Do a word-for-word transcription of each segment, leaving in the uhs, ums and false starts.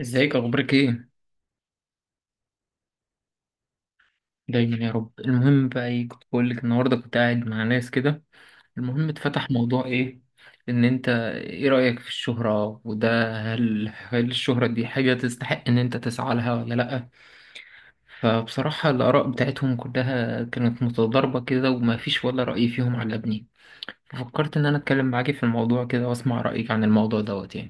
ازيك، اخبارك ايه؟ دايما يا رب. المهم بقى، ايه كنت بقول لك، النهارده كنت قاعد مع ناس كده. المهم اتفتح موضوع، ايه، ان انت، ايه رأيك في الشهرة وده؟ هل هل الشهرة دي حاجة تستحق ان انت تسعى لها ولا لأ؟ فبصراحة الآراء بتاعتهم كلها كانت متضاربة كده، وما فيش ولا رأي فيهم عجبني. ففكرت ان انا اتكلم معاكي في الموضوع كده واسمع رأيك عن الموضوع دوت يعني.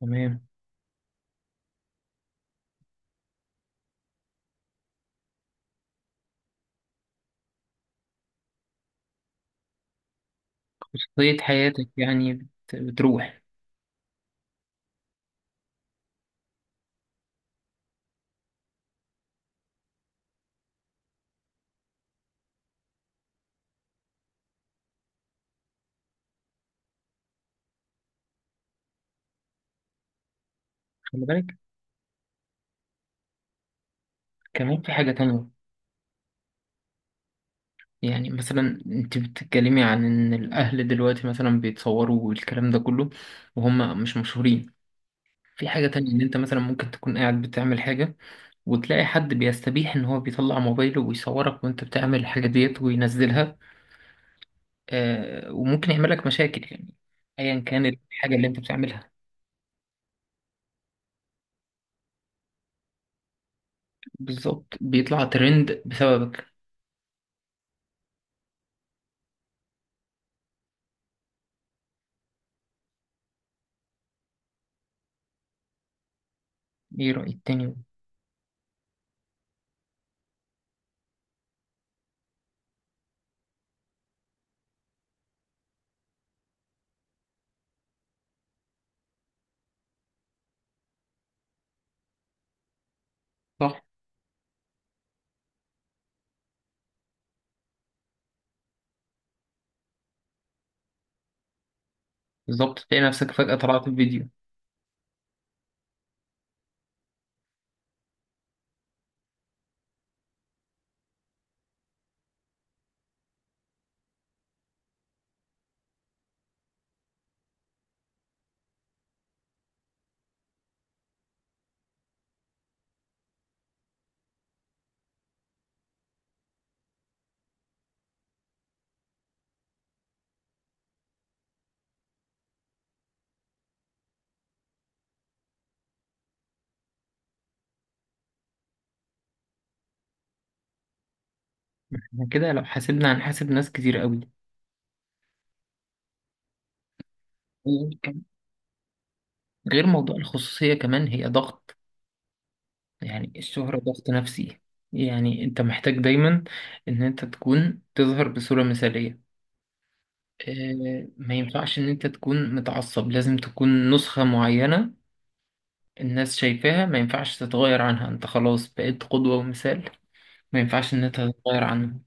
تمام. خصوصية حياتك يعني بت- بتروح. خلي بالك، كمان في حاجة تانية. يعني مثلا انت بتتكلمي عن ان الاهل دلوقتي مثلا بيتصوروا والكلام ده كله، وهم مش مشهورين. في حاجة تانية، ان انت مثلا ممكن تكون قاعد بتعمل حاجة، وتلاقي حد بيستبيح ان هو بيطلع موبايله ويصورك وانت بتعمل الحاجة ديت وينزلها. آه، وممكن يعمل لك مشاكل يعني، ايا كان الحاجة اللي انت بتعملها. بالظبط، بيطلع ترند بسببك. ايه رأيك تاني؟ صح. بالظبط تلاقي نفسك فجأة طلعت في فيديو. احنا كده لو حاسبنا هنحاسب ناس كتير قوي. غير موضوع الخصوصية، كمان هي ضغط. يعني الشهرة ضغط نفسي. يعني انت محتاج دايما ان انت تكون تظهر بصورة مثالية. اه، ما ينفعش ان انت تكون متعصب، لازم تكون نسخة معينة. الناس شايفاها ما ينفعش تتغير عنها، انت خلاص بقيت قدوة ومثال، ما ينفعش ان انت تتغير عنها.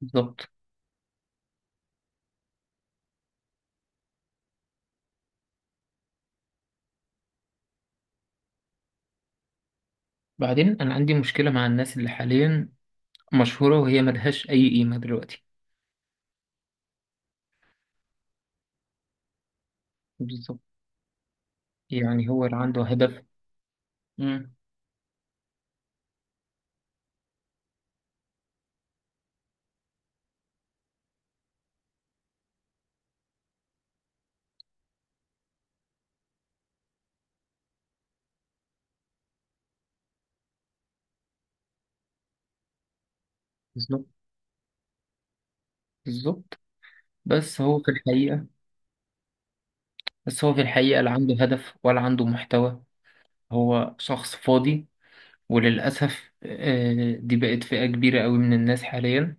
بالظبط. بعدين انا عندي مشكلة مع الناس اللي حاليا مشهورة، وهي ملهاش اي قيمة دلوقتي. بالظبط. يعني هو اللي عنده هدف. مم. بالظبط. بالظبط. بس هو في الحقيقة بس هو في الحقيقة لا عنده هدف ولا عنده محتوى. هو شخص فاضي. وللأسف آه، دي بقت فئة كبيرة قوي من الناس حاليا،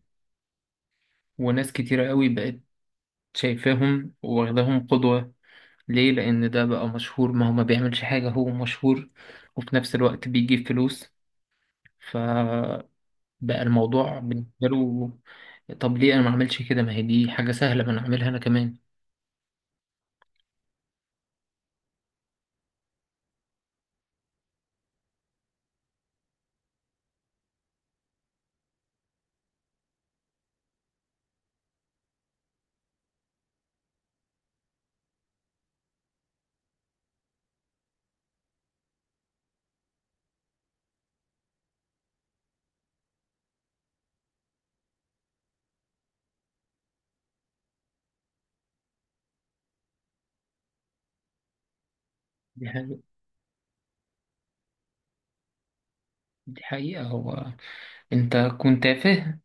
وناس كتيرة قوي بقت شايفاهم واخداهم قدوة. ليه؟ لأن ده بقى مشهور، ما هو ما بيعملش حاجة هو مشهور، وفي نفس الوقت بيجيب فلوس. فبقى الموضوع بالنسبة له، طب ليه أنا ما أعملش كده؟ ما هي دي حاجة سهلة، ما أنا أعملها أنا كمان. دي حقيقة. دي حقيقة، هو أنت كنت تافه،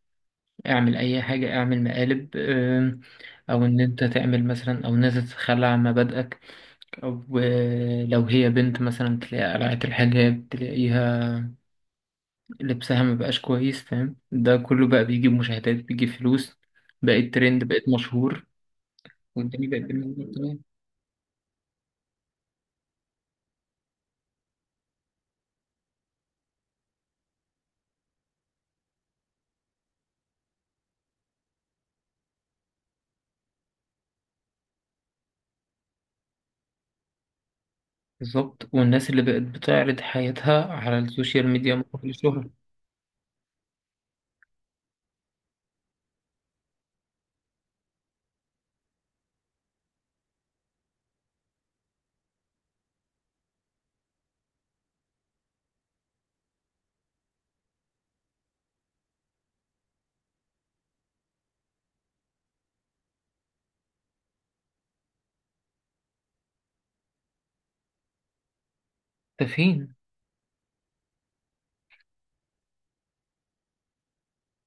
اعمل اي حاجة، اعمل مقالب، آم، او ان انت تعمل مثلا، او ان انت تتخلى عن مبادئك، او آه، لو هي بنت مثلا تلاقي قلعت الحجاب، تلاقيها لبسها مبقاش كويس، فاهم؟ ده كله بقى بيجيب مشاهدات، بيجيب فلوس، بقيت ترند، بقيت مشهور، والدنيا بقت بالنسبة لك تمام. بالظبط. والناس اللي بقت بتعرض حياتها على السوشيال ميديا مقابل الشهرة. ده فين؟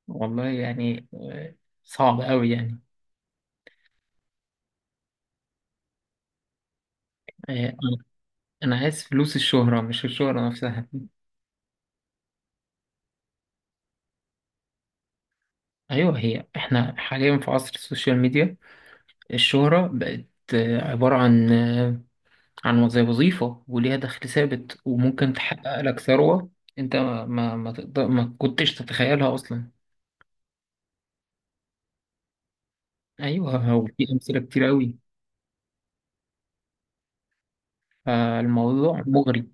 والله يعني آه، صعب قوي يعني. آه، انا أنا عايز فلوس الشهرة مش الشهرة نفسها. ايوه، هي احنا حاليا في عصر السوشيال ميديا. الشهرة بقت آه، عبارة عن آه، عن زي وظيفة، وليها دخل ثابت، وممكن تحقق لك ثروة انت ما ما ما, تقدر، ما كنتش تتخيلها اصلا. ايوه، هو في امثلة كتير قوي. فالموضوع مغري.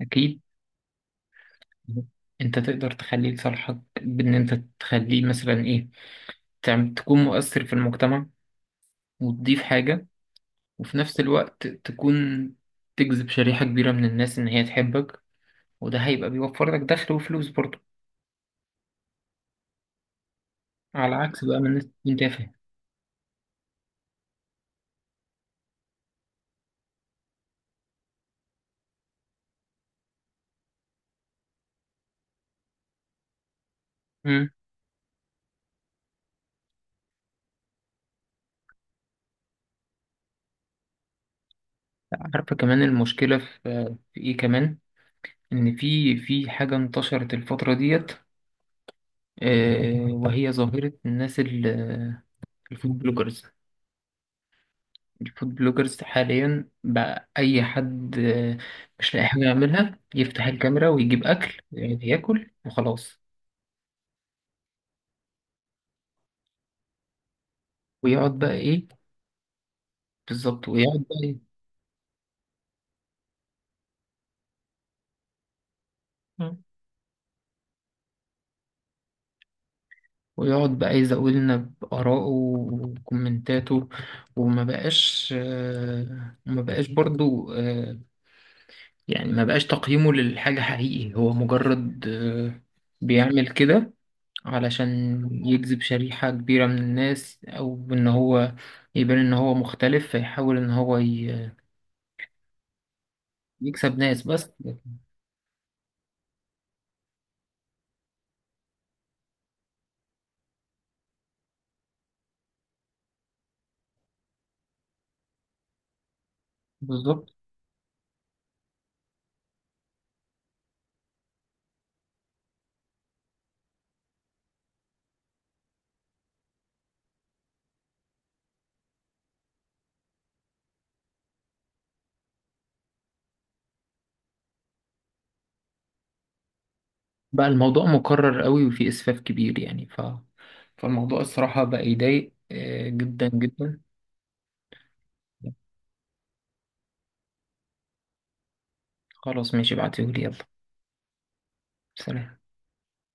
اكيد. انت تقدر تخلي لصالحك بان انت تخليه مثلا ايه، تعم- تكون مؤثر في المجتمع، وتضيف حاجة، وفي نفس الوقت تكون تجذب شريحة كبيرة من الناس ان هي تحبك، وده هيبقى بيوفر لك دخل وفلوس برضه. على عكس بقى ما الناس تكون تافهة. امم. عارفة كمان المشكلة في في ايه كمان؟ ان في في حاجة انتشرت الفترة ديت، آه، وهي ظاهرة الناس ال- الفود بلوجرز. الفود بلوجرز حاليا بقى أي حد آه، مش لاقي حاجة يعملها، يفتح الكاميرا ويجيب أكل يعني، ياكل وخلاص. ويقعد بقى إيه. بالظبط، ويقعد بقى إيه، ويقعد بقى يزود لنا بآرائه وكومنتاته. وما بقاش، آه، وما بقاش برضو، آه، يعني ما بقاش تقييمه للحاجة حقيقي، هو مجرد آه، بيعمل كده علشان يجذب شريحة كبيرة من الناس، أو إن هو يبان إن هو مختلف، فيحاول إن هو ي- يكسب ناس بس. بالظبط. بقى الموضوع مكرر قوي وفي إسفاف كبير يعني ف... فالموضوع الصراحة بقى يضايق آه، جدا جدا. خلاص ماشي، ابعتيهولي يلا. سلام.